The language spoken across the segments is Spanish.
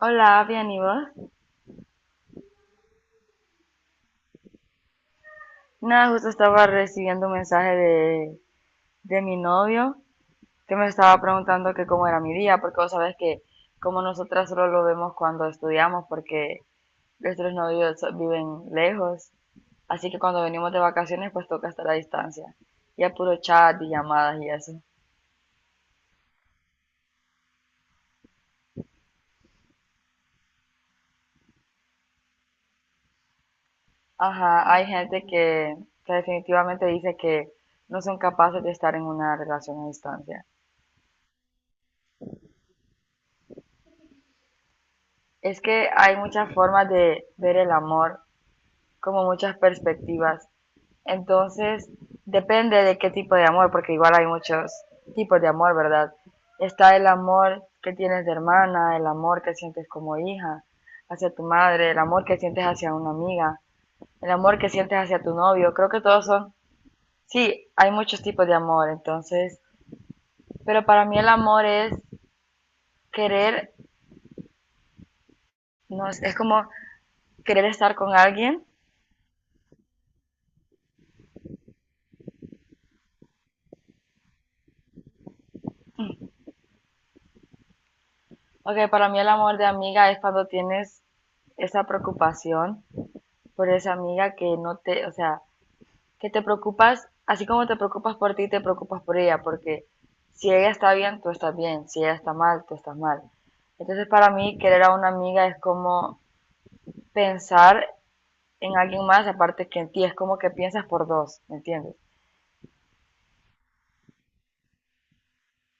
Hola, bien, ¿y vos? Nada, justo estaba recibiendo un mensaje de mi novio que me estaba preguntando que cómo era mi día, porque vos sabés que como nosotras solo lo vemos cuando estudiamos, porque nuestros novios viven lejos, así que cuando venimos de vacaciones pues toca estar a distancia, y a puro chat y llamadas y eso. Ajá, hay gente que definitivamente dice que no son capaces de estar en una relación a distancia. Es que hay muchas formas de ver el amor, como muchas perspectivas. Entonces, depende de qué tipo de amor, porque igual hay muchos tipos de amor, ¿verdad? Está el amor que tienes de hermana, el amor que sientes como hija hacia tu madre, el amor que sientes hacia una amiga, el amor que sientes hacia tu novio. Creo que todos son, sí, hay muchos tipos de amor, entonces, pero para mí el amor es querer, no, es como querer estar con alguien. Ok, para mí el amor de amiga es cuando tienes esa preocupación por esa amiga que no te, o sea, que te preocupas, así como te preocupas por ti, te preocupas por ella, porque si ella está bien, tú estás bien, si ella está mal, tú estás mal. Entonces para mí querer a una amiga es como pensar en alguien más aparte que en ti, es como que piensas por dos, ¿me entiendes?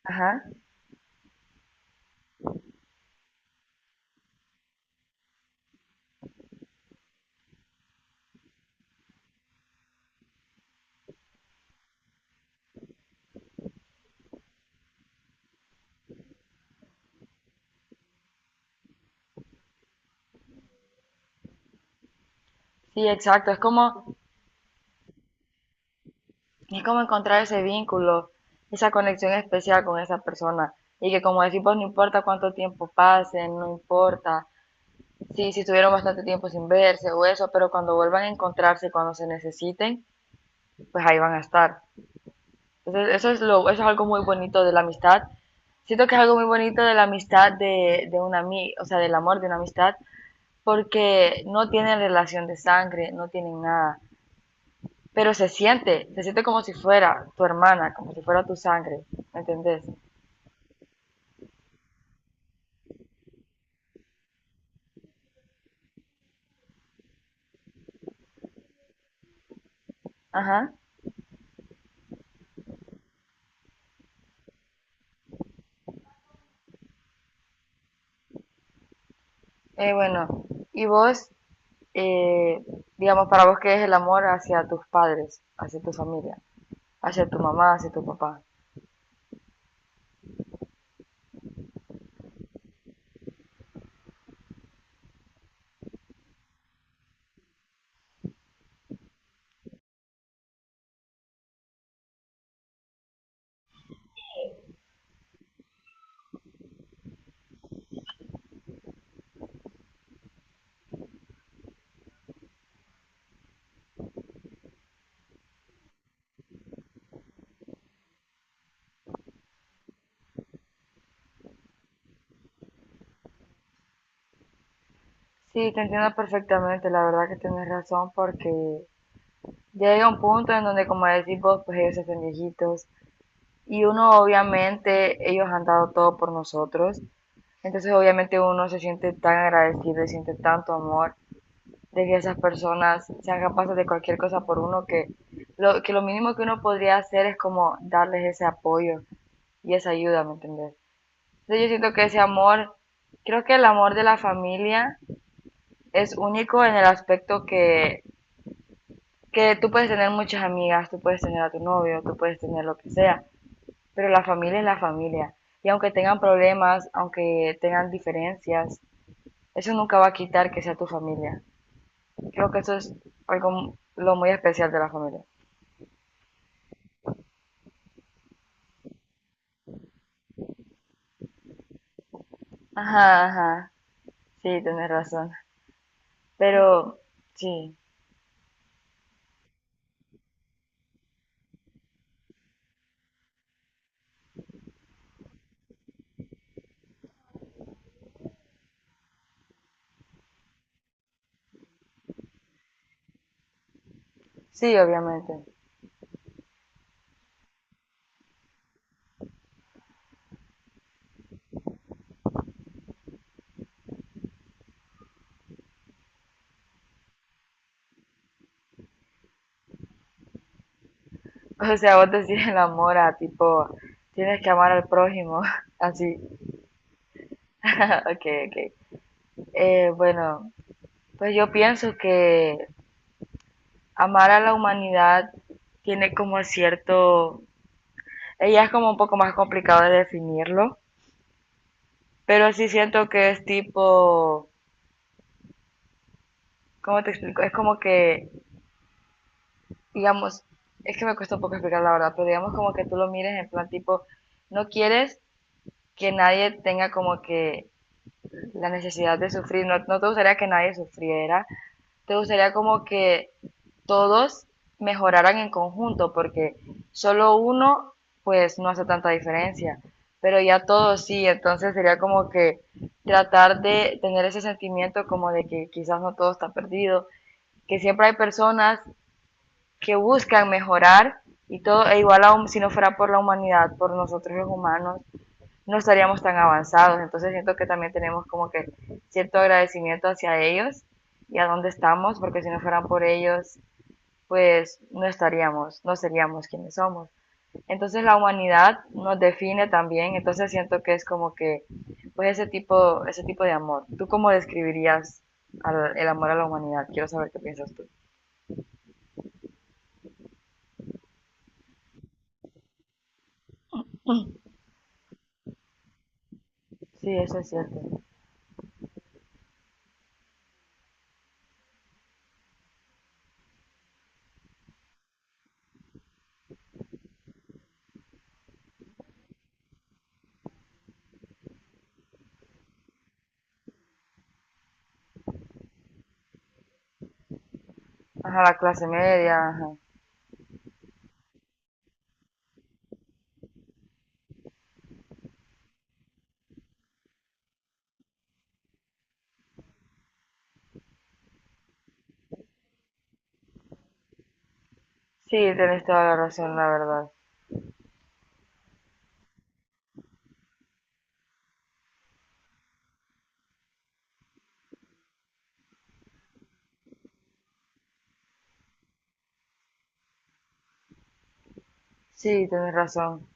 Ajá. Sí, exacto, es como encontrar ese vínculo, esa conexión especial con esa persona y que, como decimos, no importa cuánto tiempo pase, no importa. Sí, si estuvieron bastante tiempo sin verse o eso, pero cuando vuelvan a encontrarse, cuando se necesiten, pues ahí van a estar. Entonces, eso es lo, eso es algo muy bonito de la amistad. Siento que es algo muy bonito de la amistad de una ami- o sea, del amor de una amistad, porque no tienen relación de sangre, no tienen nada, pero se siente como si fuera tu hermana, como si fuera tu sangre, ¿me entendés? Ajá. Bueno, y vos, eh, digamos, para vos, ¿qué es el amor hacia tus padres, hacia tu familia? ¿Hacia tu mamá, hacia tu papá? Sí, te entiendo perfectamente, la verdad que tienes razón porque ya llega un punto en donde, como decís vos, pues ellos se hacen viejitos y uno obviamente, ellos han dado todo por nosotros, entonces obviamente uno se siente tan agradecido y siente tanto amor de que esas personas sean capaces de cualquier cosa por uno que lo mínimo que uno podría hacer es como darles ese apoyo y esa ayuda, ¿me entendés? Entonces yo siento que ese amor, creo que el amor de la familia es único en el aspecto que tú puedes tener muchas amigas, tú puedes tener a tu novio, tú puedes tener lo que sea, pero la familia es la familia. Y aunque tengan problemas, aunque tengan diferencias, eso nunca va a quitar que sea tu familia. Creo que eso es algo lo muy especial de la familia. Ajá, ajá. Sí, tienes razón. Pero sí, sí, obviamente. O sea, vos decís el amor a tipo, tienes que amar al prójimo, así. Ok, ok. Bueno, pues yo pienso que amar a la humanidad tiene como cierto, ella es como un poco más complicado de definirlo, pero sí siento que es tipo, ¿cómo te explico? Es como que, digamos, es que me cuesta un poco explicar la verdad, pero digamos como que tú lo mires en plan tipo, no quieres que nadie tenga como que la necesidad de sufrir, no, no te gustaría que nadie sufriera, te gustaría como que todos mejoraran en conjunto, porque solo uno pues no hace tanta diferencia, pero ya todos sí, entonces sería como que tratar de tener ese sentimiento como de que quizás no todo está perdido, que siempre hay personas que buscan mejorar y todo, e igual aún si no fuera por la humanidad, por nosotros los humanos, no estaríamos tan avanzados. Entonces siento que también tenemos como que cierto agradecimiento hacia ellos y a dónde estamos, porque si no fueran por ellos, pues no estaríamos, no seríamos quienes somos. Entonces la humanidad nos define también, entonces siento que es como que, pues ese tipo de amor. ¿Tú cómo describirías al- el amor a la humanidad? Quiero saber qué piensas tú. Sí, eso es cierto. Ajá, la clase media, ajá. Sí, tenés toda la razón, la verdad. Sí, tenés razón.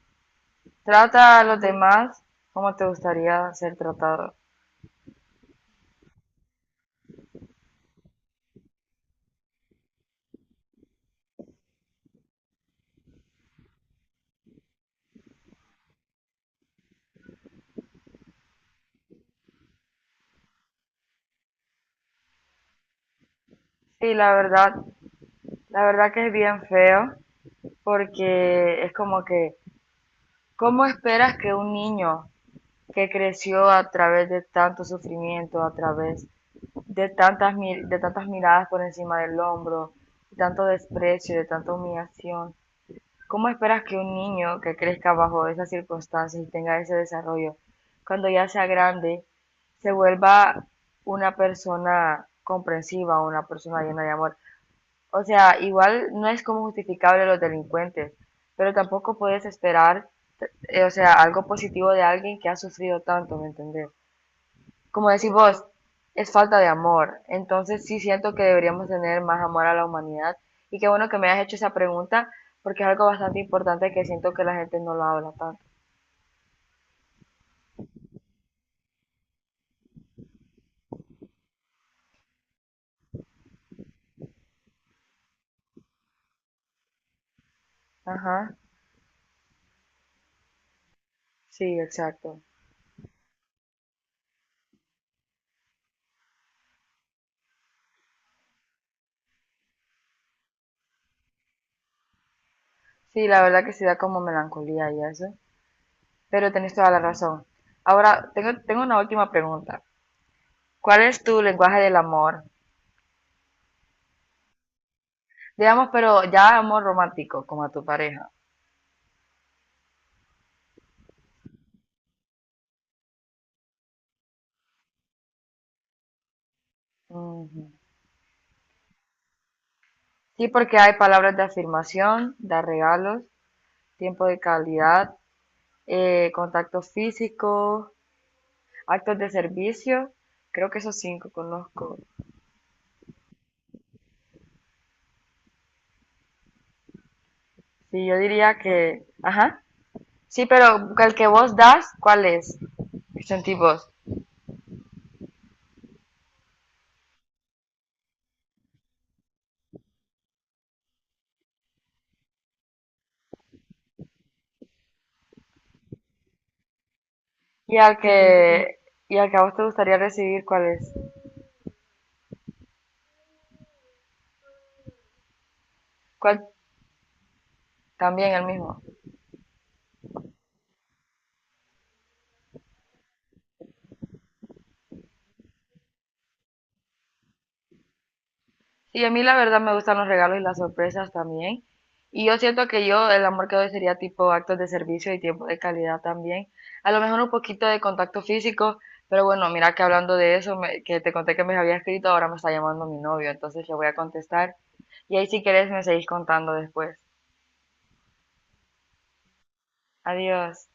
Trata a los demás como te gustaría ser tratado. Sí, la verdad que es bien feo porque es como que, ¿cómo esperas que un niño que creció a través de tanto sufrimiento, a través de tantas, de tantas miradas por encima del hombro, de tanto desprecio, de tanta humillación, cómo esperas que un niño que crezca bajo esas circunstancias y tenga ese desarrollo, cuando ya sea grande, se vuelva una persona comprensiva, una persona llena de amor? O sea, igual no es como justificable los delincuentes, pero tampoco puedes esperar, o sea, algo positivo de alguien que ha sufrido tanto, ¿me entendés? Como decís vos, es falta de amor. Entonces sí siento que deberíamos tener más amor a la humanidad. Y qué bueno que me hayas hecho esa pregunta, porque es algo bastante importante que siento que la gente no lo habla tanto. Ajá, sí, exacto. Sí, la verdad que sí da como melancolía y eso, pero tenés toda la razón. Ahora, tengo una última pregunta. ¿Cuál es tu lenguaje del amor? Digamos, pero ya amor romántico, como a tu pareja. Ujú. Sí, porque hay palabras de afirmación, dar regalos, tiempo de calidad, contacto físico, actos de servicio. Creo que esos cinco conozco. Sí, yo diría que, ajá. Sí, pero el que vos das, ¿cuál es? Sentí vos. Y al que, ¿Y al que a vos te gustaría recibir, cuál es? ¿Cuál? También el mismo. Sí, a mí la verdad me gustan los regalos y las sorpresas también. Y yo siento que yo el amor que doy sería tipo actos de servicio y tiempo de calidad también. A lo mejor un poquito de contacto físico, pero bueno, mira que hablando de eso, me- que te conté que me había escrito, ahora me está llamando mi novio, entonces le voy a contestar. Y ahí si querés me seguís contando después. Adiós.